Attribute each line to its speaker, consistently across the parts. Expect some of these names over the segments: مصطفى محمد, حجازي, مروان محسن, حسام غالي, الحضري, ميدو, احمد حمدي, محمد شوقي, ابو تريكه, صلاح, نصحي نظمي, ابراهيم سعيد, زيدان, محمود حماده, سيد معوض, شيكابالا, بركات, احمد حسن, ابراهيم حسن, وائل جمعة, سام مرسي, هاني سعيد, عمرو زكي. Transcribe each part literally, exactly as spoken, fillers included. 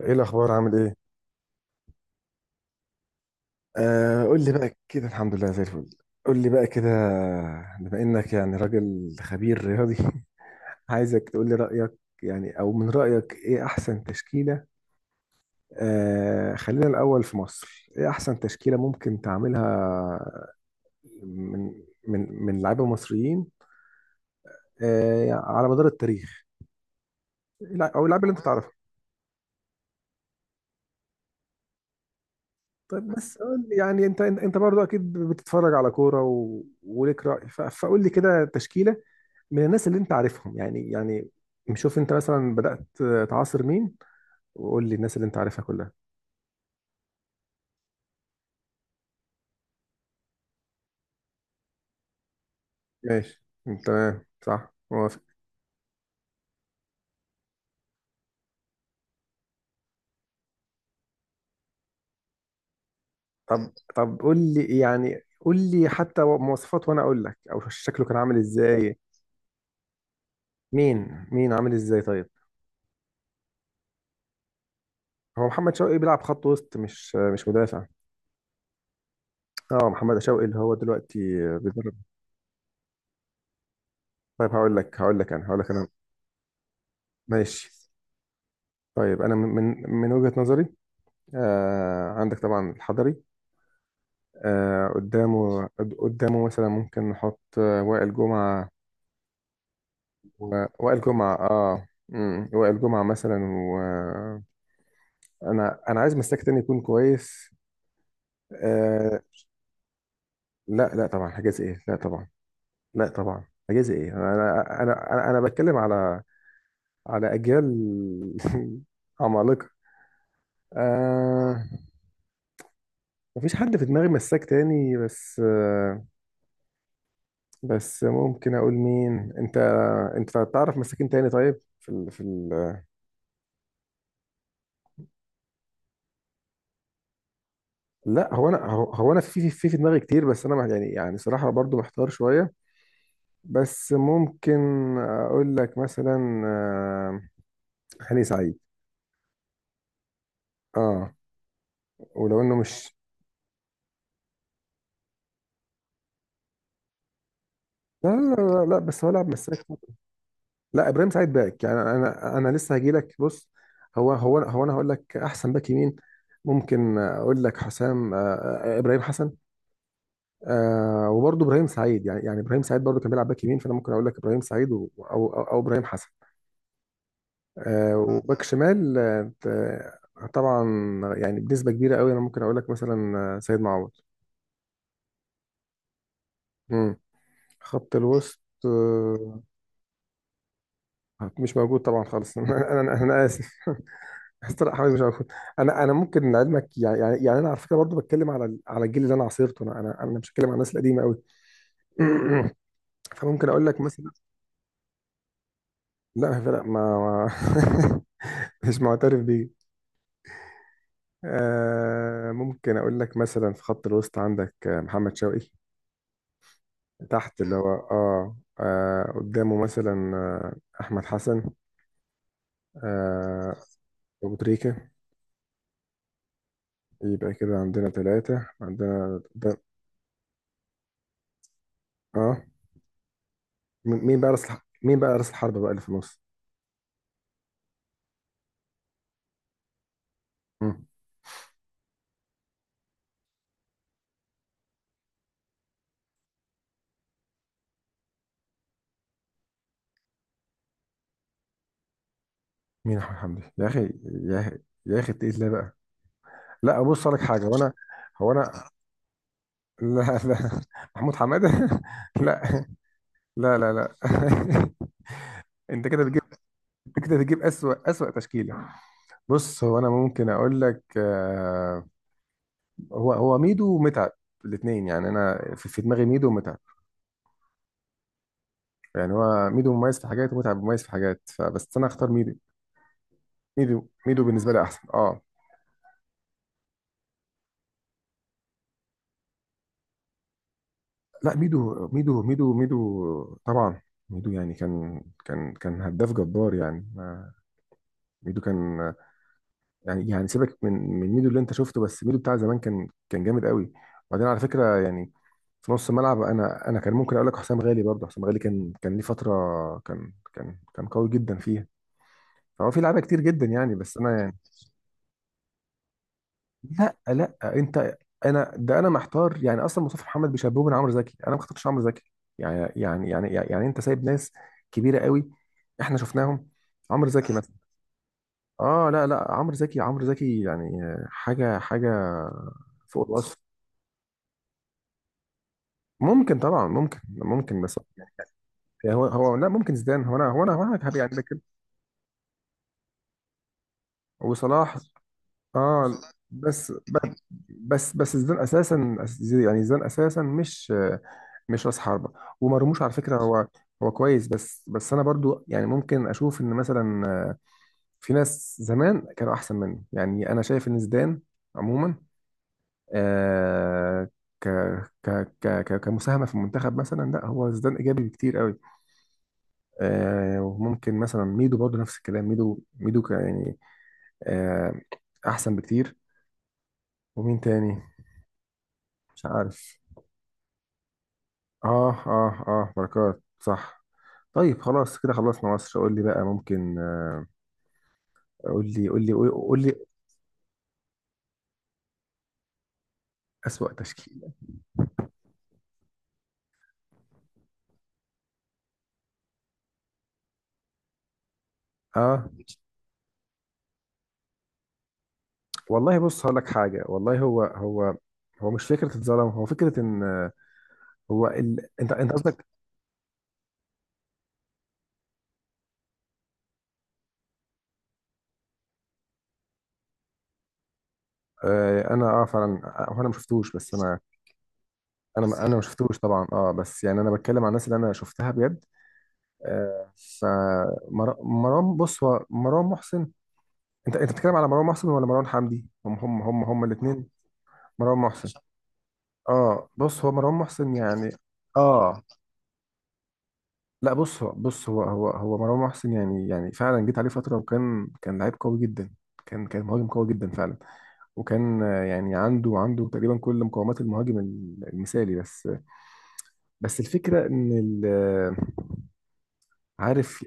Speaker 1: ايه الاخبار عامل ايه؟ آه قول لي بقى كده، الحمد لله زي الفل. قول لي بقى كده. بما انك يعني راجل خبير رياضي عايزك تقول لي رايك، يعني او من رايك ايه احسن تشكيله. آه خلينا الاول في مصر، ايه احسن تشكيله ممكن تعملها من من من لعيبه مصريين آه على مدار التاريخ، او اللعيبه اللي انت تعرفها. طيب بس قول لي، يعني انت انت برضو اكيد بتتفرج على كوره و... وليك راي ف... فقول لي كده تشكيله من الناس اللي انت عارفهم، يعني يعني شوف انت مثلا بدات تعاصر مين، وقول لي الناس اللي انت عارفها كلها. ماشي تمام، صح، موافق. طب طب قول لي يعني، قول لي حتى مواصفات وانا اقول لك او شكله كان عامل ازاي. مين مين عامل ازاي طيب؟ هو محمد شوقي بيلعب خط وسط، مش مش مدافع. اه محمد شوقي اللي هو دلوقتي بيدرب. طيب هقول لك، هقول لك انا هقول لك انا. ماشي. طيب انا من من من وجهة نظري، آه عندك طبعا الحضري. آه قدامه قد- قدامه مثلا ممكن نحط آه، وائل جمعة. و- وائل جمعة اه، مم، وائل جمعة مثلا. وانا انا عايز مساك تاني يكون كويس، آه. لا لا طبعا حجازي ايه، لا طبعا. لا طبعا حجازي ايه. انا انا انا انا أنا بتكلم على على اجيال عمالقة، آه. مفيش حد في دماغي مساك تاني بس آه، بس ممكن اقول مين، انت انت تعرف مساكين تاني. طيب في ال... في ال... لا هو انا، هو هو انا في في في دماغي كتير، بس انا مح- يعني يعني صراحة برضو محتار شوية. بس ممكن اقول لك مثلا آه، هاني سعيد، اه، ولو انه مش. لا لا لا, لا لا، بس هو لاعب مساك. لا، ابراهيم سعيد باك يعني، انا انا لسه هجي لك. بص، هو هو هو انا هقول لك احسن باك يمين ممكن اقول لك حسام آه، آه، ابراهيم حسن. آه وبرضه ابراهيم سعيد، يعني يعني ابراهيم سعيد برضه كان بيلعب باك يمين، فانا ممكن اقول لك ابراهيم سعيد و- او او, أو ابراهيم حسن. آه، وباك شمال آه ت- طبعا يعني بنسبه كبيره قوي، انا ممكن اقول لك مثلا آه، سيد معوض. مم. خط الوسط آه. مش موجود طبعا خالص انا انا, أنا اسف مستر احمد مش موجود. انا انا ممكن لعلمك يعني يعني يعني انا على فكره برضه بتكلم على ال- على الجيل اللي انا عاصرته، انا انا انا مش بتكلم على الناس القديمه قوي. فممكن اقول لك مثلا، لا فرق ما, ما مش معترف بيه. آه ممكن اقول لك مثلا في خط الوسط عندك آه، محمد شوقي تحت، اللي هو اه, آه قدامه مثلا آه احمد حسن، آه ابو تريكه. يبقى كده عندنا ثلاثه، عندنا ده اه. م- مين بقى راس الح- مين بقى راس الحربه بقى اللي في النص؟ مم. مين احمد حمدي يا اخي، يا اخي يا اخي، تقيل ليه بقى؟ لا بص لك حاجه، وانا هو انا، لا لا، محمود حماده لا لا لا لا انت كده بتجيب، انت كده بتجيب اسوأ اسوأ تشكيله. بص، هو انا ممكن اقول لك آه، هو هو ميدو ومتعب الاثنين، يعني انا في في دماغي ميدو ومتعب. يعني هو ميدو مميز في حاجات، ومتعب مميز في حاجات، فبس انا اختار ميدو. ميدو ميدو بالنسبه لي احسن اه. لا ميدو، ميدو ميدو ميدو طبعا. ميدو يعني كان كان كان هداف جبار يعني، آه، ميدو كان يعني. يعني سيبك من من ميدو اللي انت شفته، بس ميدو بتاع زمان كان كان جامد قوي. وبعدين على فكره يعني في نص الملعب، انا انا كان ممكن اقول لك حسام غالي برضه، حسام غالي كان كان ليه فتره كان كان كان قوي جدا فيها، فهو في لعيبه كتير جدا يعني، بس انا يعني. لا لا انت، انا ده انا محتار يعني، اصلا مصطفى محمد بيشبهه من عمرو زكي، انا ما اخترتش عمرو زكي. يعني يعني يعني يعني انت سايب ناس كبيره قوي، احنا شفناهم. عمرو زكي اه، لا لا، عمرو زكي عمرو زكي يعني آه، حاجه حاجه فوق الوصف. ممكن طبعا ممكن ممكن بس يعني، هو هو لا، ممكن زيدان، هو انا هو انا هو انا هبي عندك كده. وصلاح اه. بس ب- بس بس زيدان اساسا أس- يعني زيدان اساسا مش آه، مش راس حربه. ومرموش على فكره هو، هو كويس، بس بس انا برضو يعني ممكن اشوف ان مثلا آه، في ناس زمان كانوا احسن منه، يعني انا شايف ان زيدان عموما، آه، ك ك ك ك- كمساهمه في المنتخب مثلا، لا هو زيدان ايجابي بكتير قوي. آه، وممكن مثلا ميدو برضه نفس الكلام، ميدو ميدو ك- يعني آه، احسن بكتير. ومين تاني؟ مش عارف. اه اه اه بركات صح. طيب خلاص كده خلصنا مصر. قول لي بقى ممكن آه، قول لي قول لي قول قول لي اسوأ تشكيلة. اه والله بص هقول لك حاجة، والله هو، هو هو مش فكرة اتظلم، هو فكرة ان آه، هو ال... انت انت قصدك آه، انا اه فعلا آه، هو انا ما شفتوش، بس انا انا ما- انا ما شفتوش طبعا اه، بس يعني انا بتكلم عن الناس اللي انا شفتها بجد، آه. فمروان، بص هو مروان محسن، انت انت بتتكلم على مروان محسن ولا مروان حمدي؟ هم هم هم هم الاثنين. مروان محسن اه، بص هو مروان محسن يعني اه، لا بص هو، بص هو هو هو مروان محسن يعني، يعني فعلا جيت عليه فتره وكان كان لعيب قوي جدا، كان كان مهاجم قوي جدا فعلا، وكان آه، يعني عنده عنده تقريبا كل مقومات المهاجم المثالي، بس بس الفكرة ان ال- عارف.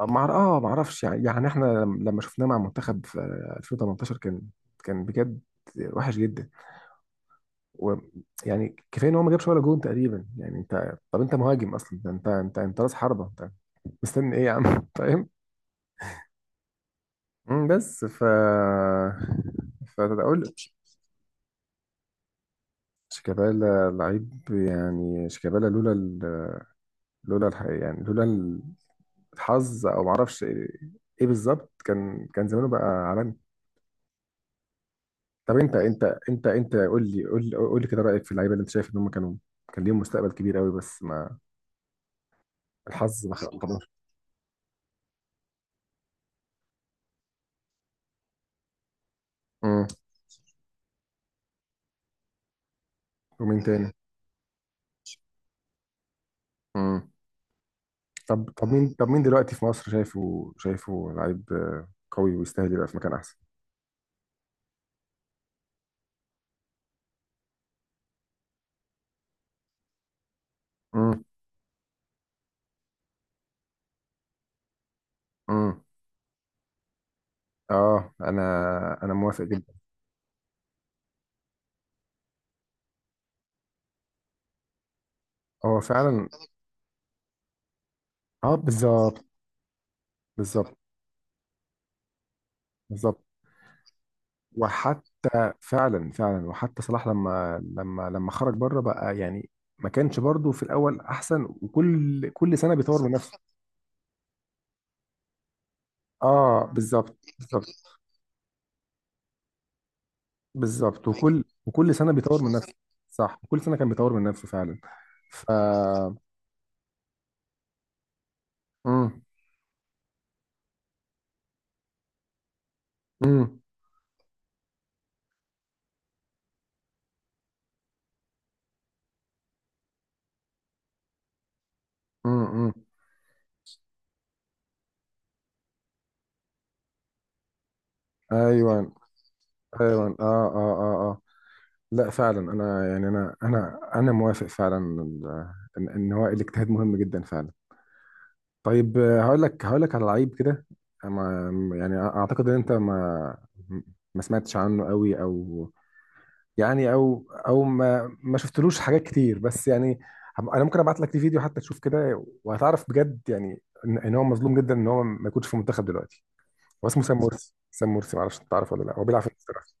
Speaker 1: مع اه ما اعرفش يعني، يعني احنا لم- لما شفناه مع منتخب في ألفين وثمنتاشر كان كان بجد وحش جدا. ويعني كفايه ان هو ما جابش ولا جون تقريبا يعني، انت طب انت مهاجم اصلا ده، انت انت انت راس حربه انت، مستني ايه يا عم فاهم. مم، بس ف فاقول. شيكابالا لعيب يعني، شيكابالا لولا ال... لولا الح... يعني لولا الحظ او ما اعرفش ايه، إيه بالظبط، كان كان زمانه بقى عالمي. طب انت، انت انت انت قول لي، قول لي قول لي كده رايك في اللعيبه اللي انت شايف ان هم كانوا كان ليهم مستقبل كبير قوي، بس ما الحظ ما خ- ما خدهمش. امم. ومين تاني؟ امم. طب طب مين طب مين دلوقتي في مصر شايفه، شايفه لعيب آه، قوي ويستاهل يبقى في مكان احسن؟ امم. امم اه، انا انا موافق جدا. هو فعلا اه بالظبط بالظبط. بالظبط. وحتى فعلا فعلا، وحتى صلاح لما لما لما خرج بره بقى يعني ما كانش برضه في الاول احسن، وكل كل سنه بيطور من نفسه. اه بالظبط بالظبط. بالظبط. وكل وكل سنه بيطور من نفسه. صح، كل سنه كان بيطور من نفسه فعلا. ف امم. امم امم. امم. ايوه ايوه اه اه اه اه. لا فعلا انا يعني، انا انا انا موافق فعلا ال- ان إن هو الاجتهاد مهم جدا فعلا. طيب آه، هقول لك هقول لك على لعيب كده، ما- يعني اعتقد ان انت ما ما سمعتش عنه قوي، او يعني او او ما ما شفتلوش حاجات كتير، بس يعني هب- انا ممكن ابعت لك فيديو حتى تشوف كده، وهتعرف بجد يعني ان إن هو مظلوم جدا ان هو ما يكونش في المنتخب دلوقتي. هو اسمه سام مرسي، سام مرسي معرفش انت تعرفه ولا لا، هو بيلعب في الانتر.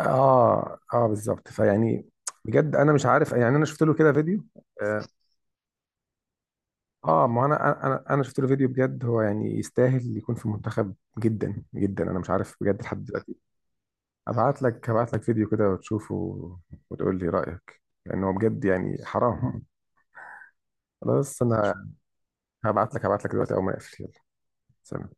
Speaker 1: اه اه بالظبط، فيعني بجد انا مش عارف يعني، انا شفت له كده فيديو، اه ما انا انا انا شفت له فيديو، بجد هو يعني يستاهل يكون في المنتخب جدا جدا، انا مش عارف بجد لحد دلوقتي. هبعت لك هبعت لك فيديو كده وتشوفه، وتقول لي رأيك، لان هو بجد يعني حرام. خلاص انا هبعت لك هبعت لك دلوقتي اول ما اقفل. يلا سلام.